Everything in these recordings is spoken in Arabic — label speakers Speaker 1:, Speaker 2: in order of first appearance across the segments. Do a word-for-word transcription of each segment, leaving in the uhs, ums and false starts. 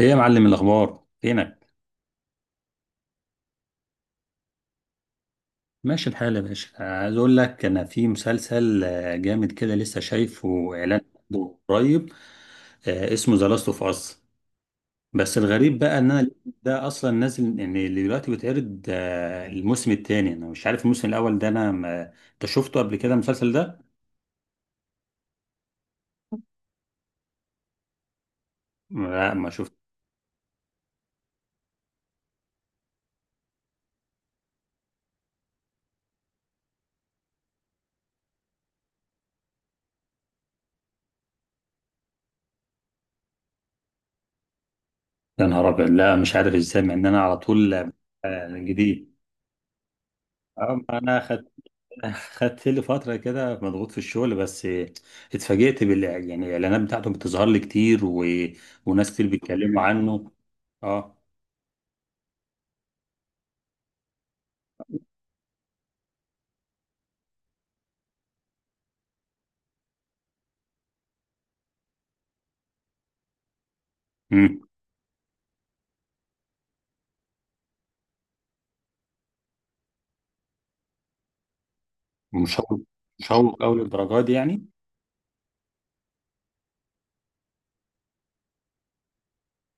Speaker 1: ايه يا معلم، الاخبار فينك؟ ماشي الحال يا باشا، عايز اقول لك انا في مسلسل آه، جامد كده، لسه شايفه اعلان عنه قريب. آه، اسمه ذا لاست اوف اس. بس الغريب بقى ان انا ده اصلا نازل، يعني اللي دلوقتي بيتعرض آه، الموسم الثاني. انا مش عارف الموسم الاول ده، انا ما... انت شفته قبل كده المسلسل ده؟ لا ما شفت. يا نهار ابيض، لا مش عارف ازاي مع ان انا على طول آه، جديد. أه، ما انا خدت لي فترة كده مضغوط في الشغل بس. اتفاجئت بال يعني الإعلانات بتاعته بتظهر لي كتير و... وناس كتير بيتكلموا عنه. اه. امم مشوق مشوق أوي للدرجة دي يعني؟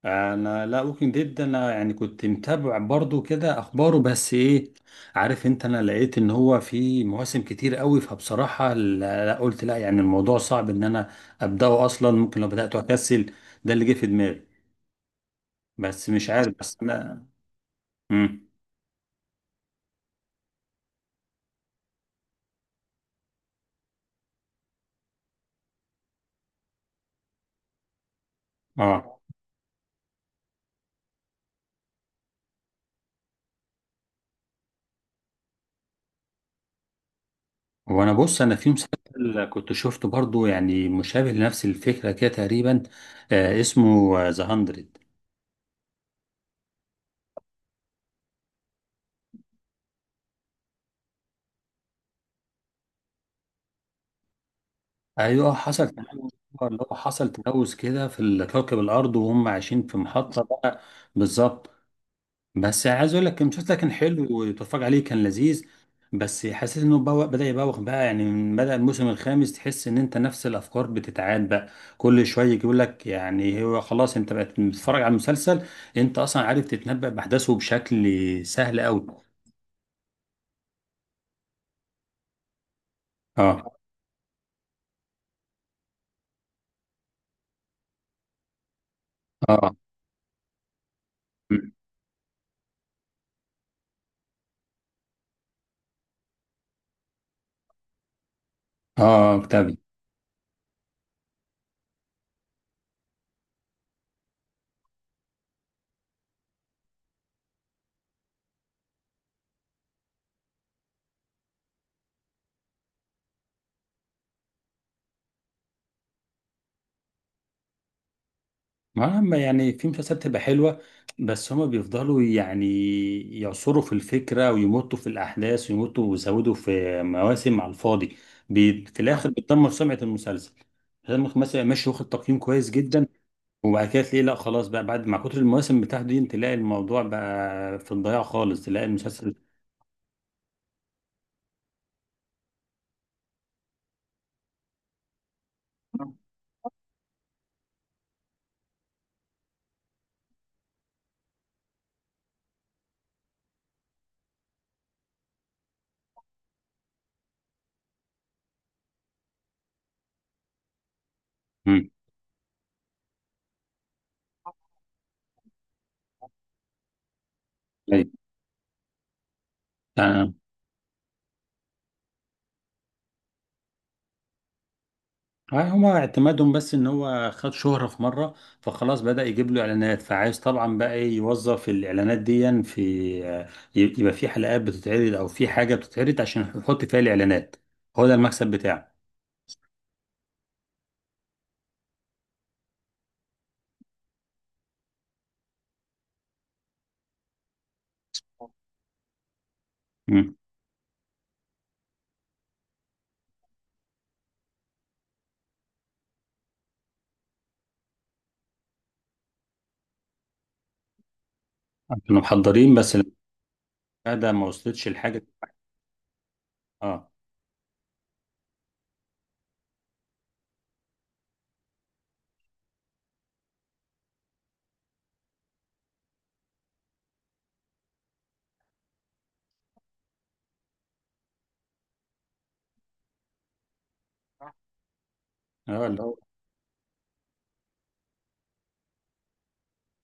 Speaker 1: أنا لا، ممكن ديد، أنا يعني كنت متابع برضو كده أخباره، بس إيه عارف أنت، أنا لقيت إن هو في مواسم كتير أوي، فبصراحة لا لا، قلت لا، يعني الموضوع صعب إن أنا أبدأه أصلا، ممكن لو بدأته أكسل. ده اللي جه في دماغي. بس مش عارف، بس أنا. امم اه. وانا بص، انا في مسلسل كنت شفته برضو يعني مشابه لنفس الفكره كده تقريبا. آه اسمه ذا هاندرد. ايوه، آه، حصل تلوث. اللي هو حصل تلوث كده في ال- كوكب الارض، وهم عايشين في محطه بقى. بالظبط. بس عايز اقول لك، المسلسل ده كان حلو وتتفرج عليه كان لذيذ، بس حسيت انه بوق بدأ يبوخ بقى، يعني من بدأ الموسم الخامس تحس ان انت نفس الافكار بتتعاد بقى، كل شويه يقول لك يعني هو خلاص انت بقت بتتفرج على المسلسل، انت اصلا عارف تتنبأ باحداثه بشكل سهل قوي. اه اه. م. اه كتاب. ما هم يعني في مسلسلات بتبقى حلوة، بس هما بيفضلوا يعني يعصروا في الفكرة ويمطوا في الأحداث ويمطوا ويزودوا في مواسم على الفاضي. بي... في الآخر بتدمر سمعة المسلسل. المسلسل مثلا ماشي واخد تقييم كويس جدا، وبعد كده تلاقيه لا خلاص بقى، بعد مع كتر المواسم بتاعته دي تلاقي الموضوع بقى في الضياع خالص، تلاقي المسلسل. مم. أيوة. هاي هما اعتمادهم بس ان هو خد شهرة في مرة، فخلاص بدأ يجيب له اعلانات، فعايز طبعا بقى إيه يوظف الاعلانات دي في آه، يبقى في حلقات بتتعرض او في حاجة بتتعرض عشان يحط فيها الاعلانات. هو ده المكسب بتاعه. مم. كانوا محضرين بس. ده ما وصلتش الحاجة. اه اه اللي هو.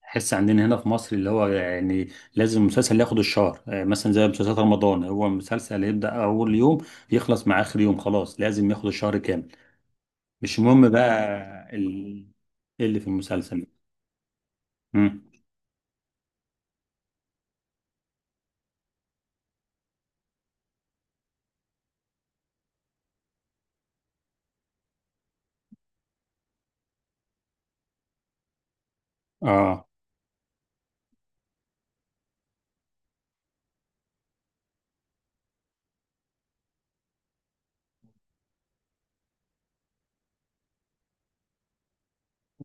Speaker 1: تحس عندنا هنا في مصر اللي هو يعني لازم المسلسل ياخد الشهر، آه، مثلا زي مسلسلات رمضان، هو مسلسل يبدأ أول يوم يخلص مع آخر يوم، خلاص لازم ياخد الشهر كامل، مش مهم بقى. ال... إيه اللي في المسلسل؟ مم. اه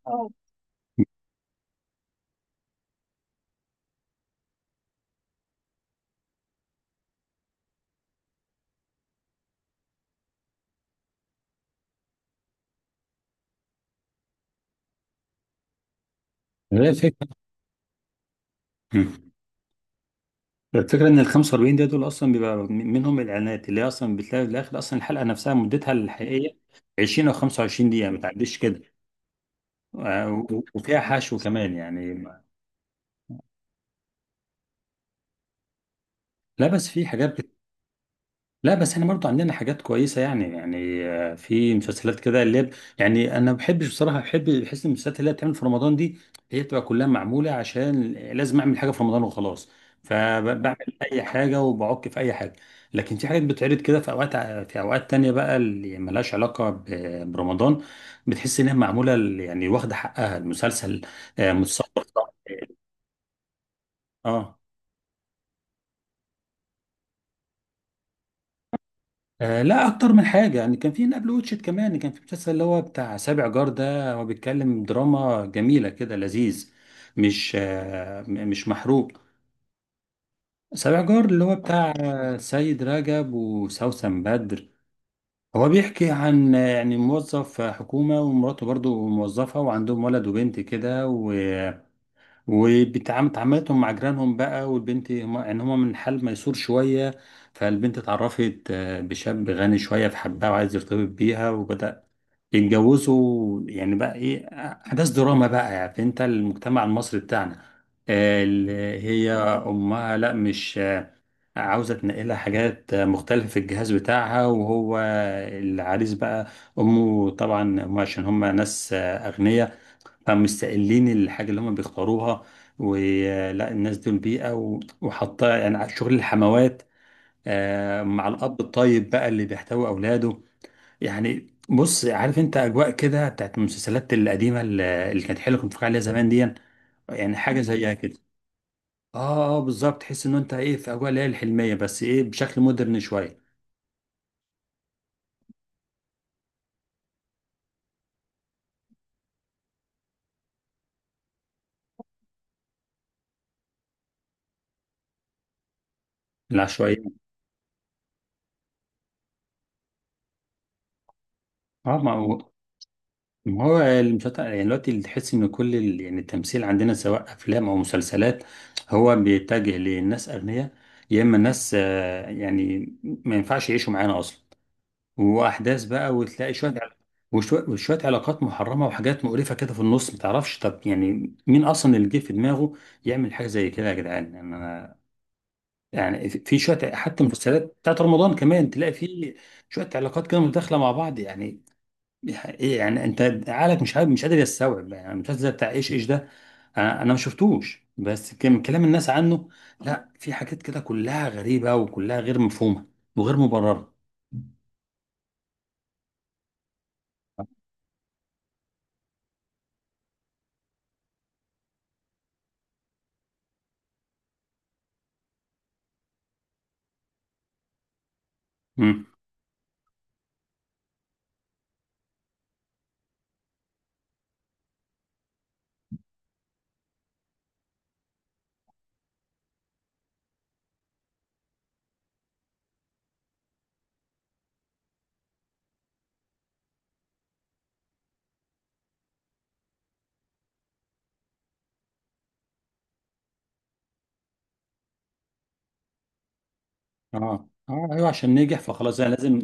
Speaker 1: اه، هي الفكرة. مم. الفكرة ان ال خمسة وأربعين دقيقة دول اصلا بيبقى م- منهم الاعلانات، اللي هي اصلا بتلاقي في الاخر اصلا الحلقة نفسها مدتها الحقيقية عشرين او خمسة وعشرين دقيقة ما تعديش كده. آه، و- وفيها حشو كمان يعني. لا بس في حاجات. لا بس احنا برضو عندنا حاجات كويسة يعني يعني آه، في مسلسلات كده اللي هي- ب- يعني انا ما بحبش بصراحة، بحب بحس إن المسلسلات اللي هي بتعمل في رمضان دي هي بتبقى كلها معمولة عشان لازم اعمل حاجة في رمضان وخلاص. فبعمل اي حاجة وبعك في اي حاجة. لكن في حاجات بتعرض كده في اوقات ع- في اوقات تانية بقى اللي ملهاش علاقة ب- برمضان، بتحس انها معمولة ال- يعني واخدة حقها المسلسل. آه، متصور صح. اه. آه لا، اكتر من حاجه، يعني كان في نابل ووتشت، كمان كان في مسلسل اللي هو بتاع سابع جار ده، هو بيتكلم دراما جميله كده لذيذ، مش آه م- مش محروق. سابع جار اللي هو بتاع آه، سيد رجب وسوسن بدر. هو بيحكي عن آه، يعني موظف حكومه ومراته برضو موظفه، وعندهم ولد وبنت كده، وبتعاملتهم مع جيرانهم بقى، والبنت هم ان هم من حال ميسور شويه. فالبنت اتعرفت آه، بشاب غني شويه فحبها وعايز يرتبط بيها، وبدأ يتجوزوا يعني بقى ايه، احداث دراما بقى. يعني انت المجتمع المصري بتاعنا آه، اللي هي امها، لا مش آه، عاوزه تنقلها حاجات آه، مختلفه في الجهاز بتاعها. وهو العريس بقى، امه طبعا هم عشان هم ناس آه، اغنياء، فمستقلين الحاجة اللي هم بيختاروها ولا الناس دول بيئة، و- وحاطة يعني على شغل الحموات. آه، مع الأب الطيب بقى اللي بيحتوي أولاده. يعني بص، عارف أنت أجواء كده بتاعت المسلسلات القديمة اللي اللي كانت حلوة كنت بتفرج عليها زمان دي، يعني حاجة زيها كده. اه اه، بالظبط، تحس ان انت ايه في اجواء اللي هي الحلمية، بس ايه بشكل مودرن شوية. العشوائية. اه، ما هو. ما هو المسلسل يعني دلوقتي، اللي تحس ان كل ال- يعني التمثيل عندنا سواء افلام او مسلسلات، هو بيتجه للناس اغنياء، يا اما الناس آه، يعني ما ينفعش يعيشوا معانا اصلا، واحداث بقى، وتلاقي شويه وشويه وشوية علاقات محرمه وحاجات مقرفه كده في النص، ما تعرفش طب يعني مين اصلا اللي جه في دماغه يعمل حاجه زي كده يا جدعان. يعني انا، يعني في في شويه حتى مسلسلات بتاعت رمضان كمان تلاقي في شويه علاقات كده متداخله مع بعض يعني. دي حقيقة. يعني انت عقلك مش قادر مش قادر يستوعب، يعني المسلسل بتاع ايش ايش ده. انا أنا ما شفتوش بس كان كلام الناس عنه. لا في حاجات كده كلها غريبة وكلها غير مفهومة وغير مبررة. امم اه اه ايوه، عشان ننجح فخلاص انا لازم.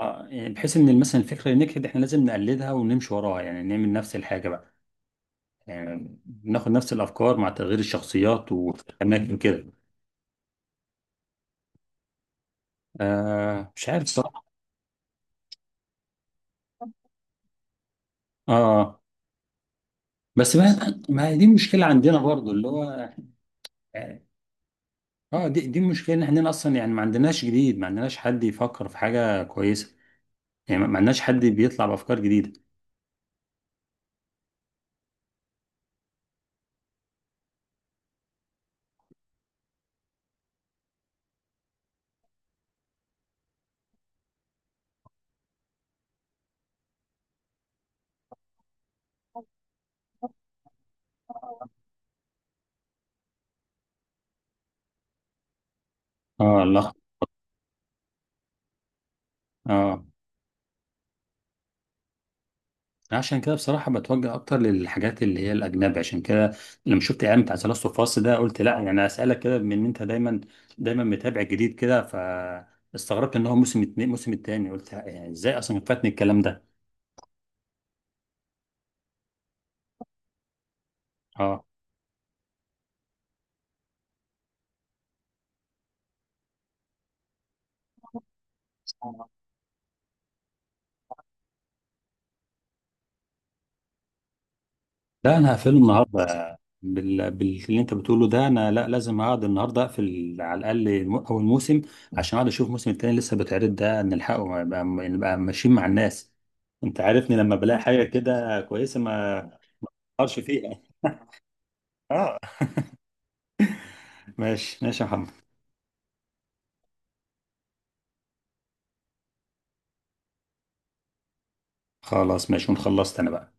Speaker 1: آه يعني بحيث ان مثلا الفكرة اللي نجحت احنا لازم نقلدها ونمشي وراها، يعني نعمل نفس الحاجة بقى، يعني ناخد نفس الافكار مع تغيير الشخصيات والاماكن كده. آه مش عارف الصراحة. اه، بس ما ما هي دي مشكلة عندنا برضو اللي هو. اه. دي دي المشكله ان احنا اصلا يعني ما عندناش جديد، ما عندناش حد يفكر في حاجه كويسه، يعني ما عندناش حد بيطلع بافكار جديده. اه الله. اه. عشان كده بصراحه بتوجه اكتر للحاجات اللي هي الاجنبي، عشان كده لما شفت اعلان بتاع ثلاث فاصل ده قلت لا، يعني اسالك كده بما ان انت دايما دايما متابع جديد كده، فاستغربت ان هو موسم اتنين- موسم التاني، قلت يعني ازاي اصلا فاتني الكلام ده. اه. لا انا هقفله النهارده بال... باللي انت بتقوله ده، انا لا لازم اقعد النهارده اقفل على الاقل الم- اول موسم، عشان اقعد اشوف الموسم التاني لسه بيتعرض ده نلحقه، ما- بقى- نبقى ماشيين مع الناس. انت عارفني لما بلاقي حاجه كده كويسه ما اقرش فيها. اه. ماشي ماشي يا محمد. خلاص ماشي، ونخلصت انا بقى.